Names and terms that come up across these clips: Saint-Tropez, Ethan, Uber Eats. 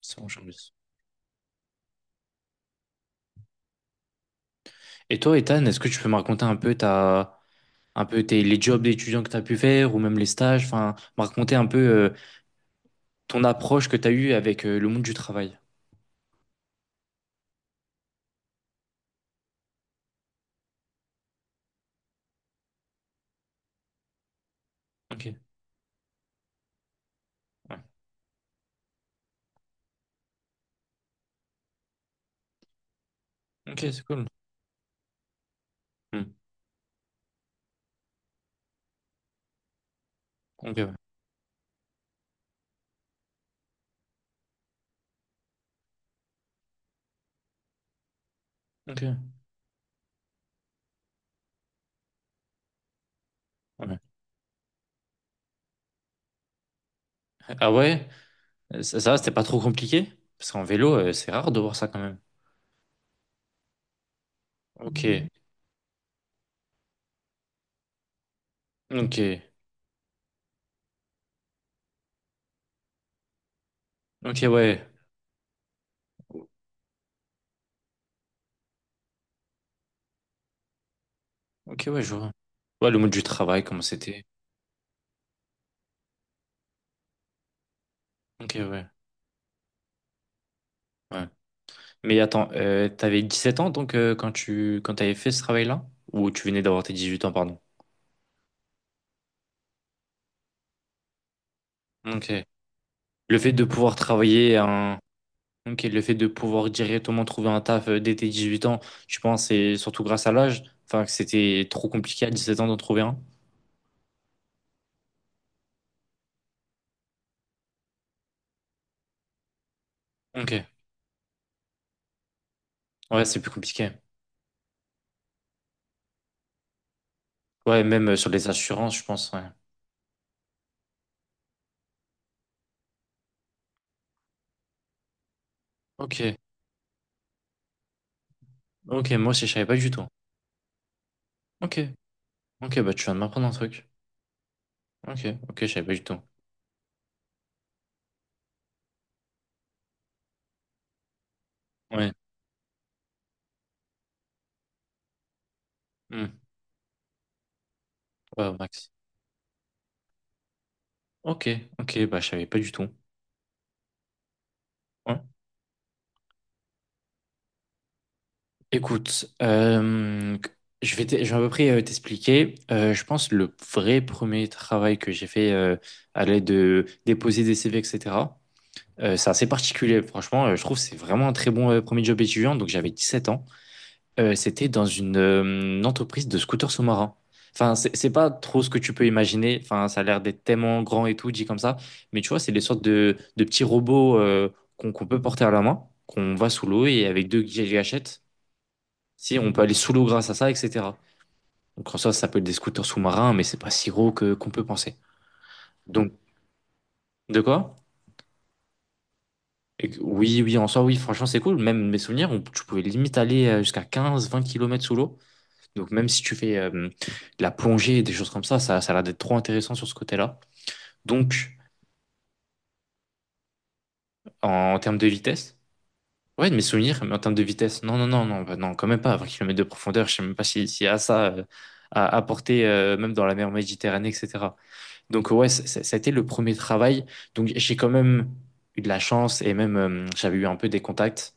Ça mange en plus. Et toi, Ethan, est-ce que tu peux me raconter un peu ta, un peu tes, les jobs d'étudiants que tu as pu faire ou même les stages, enfin, me raconter un peu ton approche que tu as eue avec le monde du travail. Ok, ouais. Ok, c'est cool. Hmm. Ok, ouais. Ok. Ouais. Ah, ouais? Ça c'était pas trop compliqué? Parce qu'en vélo, c'est rare de voir ça quand même. Ok, ok, ok, ouais. Ok, ouais, je vois. Ouais, le monde du travail, comment c'était? Ok, ouais. Ouais. Mais attends, t'avais 7 ans donc quand t'avais fait ce travail-là? Ou tu venais d'avoir tes 18 ans, pardon. Ok. Le fait de pouvoir travailler un. Ok, le fait de pouvoir directement trouver un taf dès tes 18 ans, je pense c'est surtout grâce à l'âge. Enfin, que c'était trop compliqué à 17 ans d'en trouver un. Ok. Ouais, c'est plus compliqué. Ouais, même sur les assurances, je pense, ouais. Ok. Ok, moi aussi, je savais pas du tout. Ok. Ok, bah tu viens de m'apprendre un truc. Ok, ok, je savais pas du tout. Ouais. Hmm. Ouais, Max. Ok, ok, bah je savais pas du tout. Ouais. Écoute, je vais à peu près t'expliquer. Je pense le vrai premier travail que j'ai fait à l'aide de déposer des CV, etc. C'est assez particulier, franchement. Je trouve que c'est vraiment un très bon premier job étudiant. Donc j'avais 17 ans. C'était dans une entreprise de scooters sous-marins. Enfin, c'est pas trop ce que tu peux imaginer. Enfin, ça a l'air d'être tellement grand et tout, dit comme ça. Mais tu vois, c'est des sortes de petits robots qu'on peut porter à la main, qu'on va sous l'eau et avec deux gâchettes. Si, on peut aller sous l'eau grâce à ça, etc. Donc en soi, ça peut être des scooters sous-marins, mais c'est pas si gros que qu'on peut penser. Donc, de quoi? Oui, oui, en soi, oui, franchement, c'est cool. Même mes souvenirs, tu pouvais limite aller jusqu'à 15, 20 kilomètres sous l'eau. Donc même si tu fais de la plongée et des choses comme ça a l'air d'être trop intéressant sur ce côté-là. Donc, en, termes de vitesse, ouais, de mes souvenirs, mais en termes de vitesse, non, non, non, non, bah non, quand même pas, 20 kilomètres de profondeur, je sais même pas s'il y a ça à apporter, même dans la mer Méditerranée, etc. Donc ouais, ça a été le premier travail. Donc j'ai quand même eu de la chance et même j'avais eu un peu des contacts.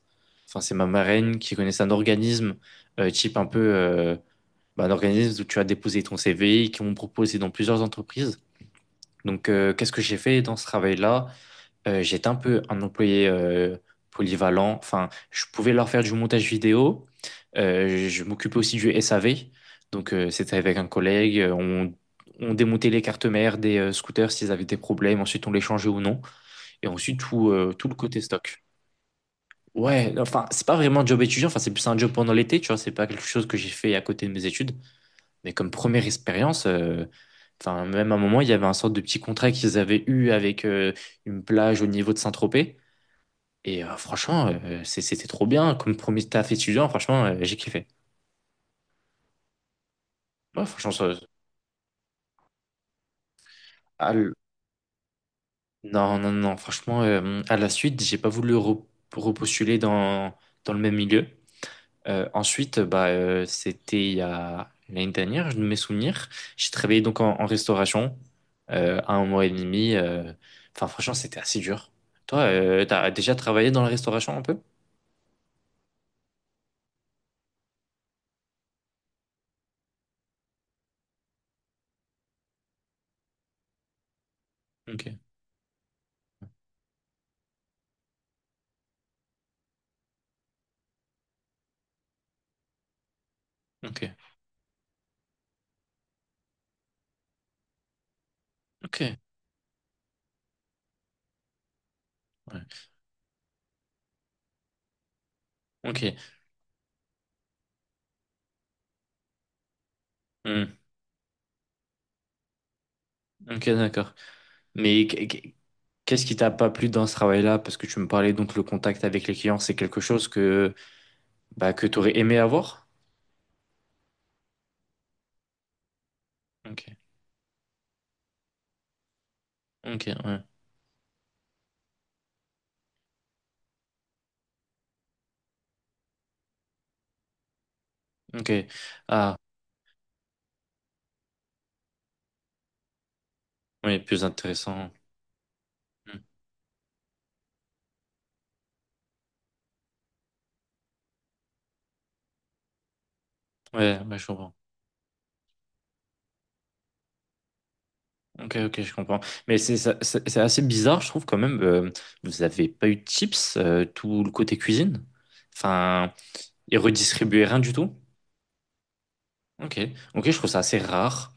Enfin, c'est ma marraine qui connaissait un organisme type un peu bah, un organisme où tu as déposé ton CV, qui m'ont proposé dans plusieurs entreprises. Donc qu'est-ce que j'ai fait dans ce travail-là? J'étais un peu un employé polyvalent. Enfin, je pouvais leur faire du montage vidéo. Je m'occupais aussi du SAV. Donc, c'était avec un collègue. On démontait les cartes mères des scooters s'ils avaient des problèmes. Ensuite, on les changeait ou non. Et ensuite, tout, tout le côté stock. Ouais, enfin, c'est pas vraiment un job étudiant. Enfin, c'est plus un job pendant l'été, tu vois. C'est pas quelque chose que j'ai fait à côté de mes études. Mais comme première expérience, enfin, même à un moment, il y avait un sorte de petit contrat qu'ils avaient eu avec une plage au niveau de Saint-Tropez. Et franchement, c'était trop bien. Comme premier taf étudiant, franchement, j'ai kiffé. Ouais, franchement, à l- non, non, non. Franchement, à la suite, j'ai pas voulu repostuler dans le même milieu. Ensuite, bah, c'était il y a l'année dernière, je ne mes souvenirs. J'ai travaillé donc en restauration 1 mois et demi. Enfin, franchement, c'était assez dur. Toi, t'as déjà travaillé dans la restauration un peu? Ok, ok, ok, ouais. Ok, hmm, ok, d'accord. Mais qu'est-ce qui t'a pas plu dans ce travail-là? Parce que tu me parlais donc le contact avec les clients, c'est quelque chose que bah, que tu aurais aimé avoir? Ok, ok, ouais, ok. Ah, oui, plus intéressant. Hmm. Ouais, bah, je comprends. Ok, ok, je comprends. Mais c'est assez bizarre, je trouve quand même. Vous avez pas eu de chips, tout le côté cuisine? Enfin, et redistribuer rien du tout? Ok, ok, je trouve ça assez rare.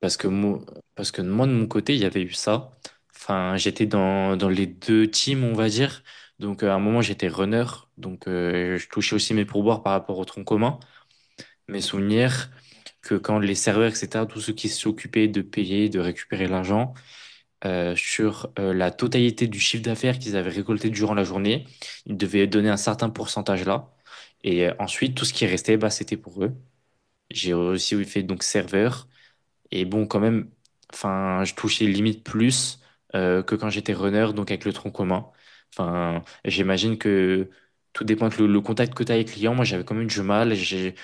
Parce que moi, parce que moi, de mon côté, il y avait eu ça. Enfin, j'étais dans les deux teams, on va dire. Donc, à un moment, j'étais runner. Donc, je touchais aussi mes pourboires par rapport au tronc commun. Mes souvenirs que quand les serveurs, etc., tous ceux qui s'occupaient de payer, de récupérer l'argent, sur la totalité du chiffre d'affaires qu'ils avaient récolté durant la journée, ils devaient donner un certain pourcentage là. Et ensuite, tout ce qui restait, bah, c'était pour eux. J'ai aussi fait donc serveur. Et bon, quand même, enfin, je touchais limite plus que quand j'étais runner, donc avec le tronc commun. Enfin, j'imagine que tout dépend que le contact que tu as avec le client. Moi, j'avais quand même du mal.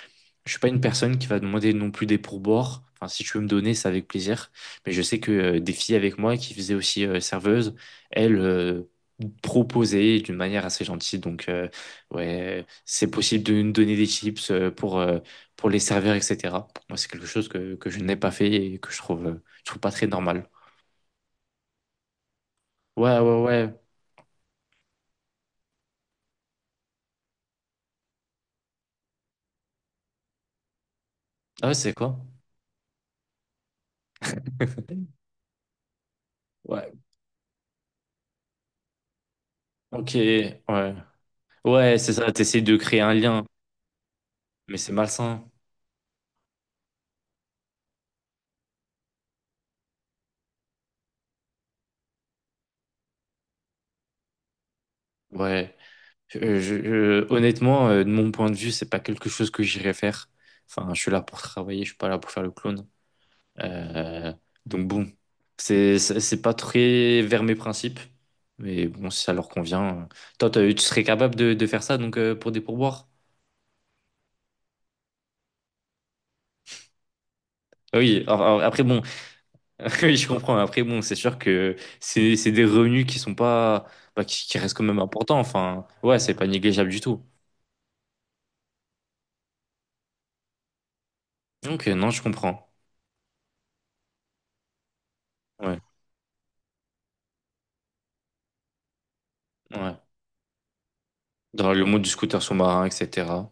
Je suis pas une personne qui va demander non plus des pourboires. Enfin, si tu veux me donner, c'est avec plaisir. Mais je sais que des filles avec moi qui faisaient aussi serveuse, elles proposaient d'une manière assez gentille. Donc, ouais, c'est possible de nous donner des chips pour les serveurs, etc. Moi, c'est quelque chose que je n'ai pas fait et que je trouve pas très normal. Ouais, ouais, ouais. Ah, ouais, c'est quoi? Ouais. Ok, ouais. Ouais, c'est ça, t'essayes de créer un lien, mais c'est malsain. Ouais. Honnêtement, de mon point de vue, c'est pas quelque chose que j'irais faire. Enfin, je suis là pour travailler, je suis pas là pour faire le clown. Euh, donc bon, c'est pas très vers mes principes, mais bon, si ça leur convient. Toi, tu serais capable de faire ça donc pour des pourboires? Ah, oui. Alors après bon, oui, je comprends. Après bon, c'est sûr que c'est des revenus qui sont pas, bah, qui restent quand même importants. Enfin, ouais, c'est pas négligeable du tout. Donc non, je comprends. Ouais, ouais. Dans le monde du scooter sous-marin, etc.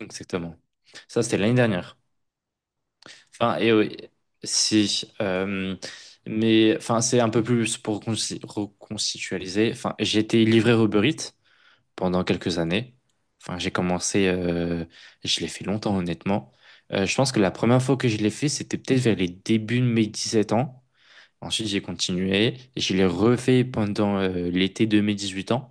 Exactement. Ça, c'était l'année dernière. Enfin, et oui, si. Mais enfin, c'est un peu plus pour reconstitualiser. Enfin, j'ai été livreur Uber Eats pendant quelques années. Enfin, j'ai commencé. Je l'ai fait longtemps, honnêtement. Je pense que la première fois que je l'ai fait, c'était peut-être vers les débuts de mes 17 ans. Ensuite, j'ai continué. Et je l'ai refait pendant l'été de mes 18 ans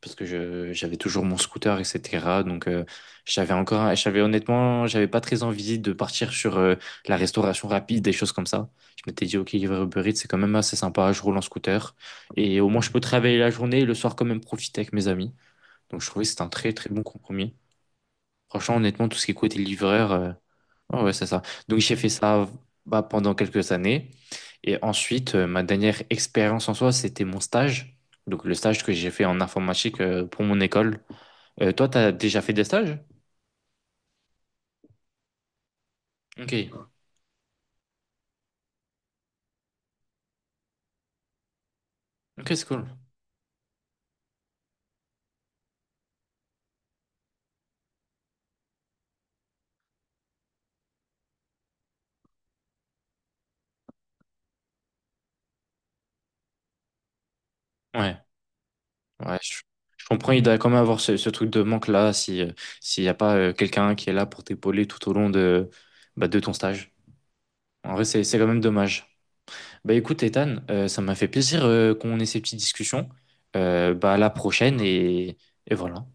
parce que j'avais toujours mon scooter, etc. Donc, j'avais encore, j'avais honnêtement, j'avais pas très envie de partir sur la restauration rapide, des choses comme ça. Je m'étais dit, ok, livrer Uber Eats, c'est quand même assez sympa, je roule en scooter. Et au moins, je peux travailler la journée et le soir quand même profiter avec mes amis. Donc, je trouvais que c'était un très, très bon compromis. Franchement, honnêtement, tout ce qui est côté livreur, ouais, ouais, c'est ça. Donc, j'ai fait ça bah, pendant quelques années. Et ensuite, ma dernière expérience en soi, c'était mon stage. Donc, le stage que j'ai fait en informatique pour mon école. Toi, t'as déjà fait des stages? Ok, ok, c'est cool. Ouais, ouais, je comprends, il doit quand même avoir ce truc de manque-là si, s'il n'y a pas quelqu'un qui est là pour t'épauler tout au long de, bah, de ton stage. En vrai, c'est quand même dommage. Bah écoute, Ethan, ça m'a fait plaisir qu'on ait ces petites discussions. Bah à la prochaine et voilà.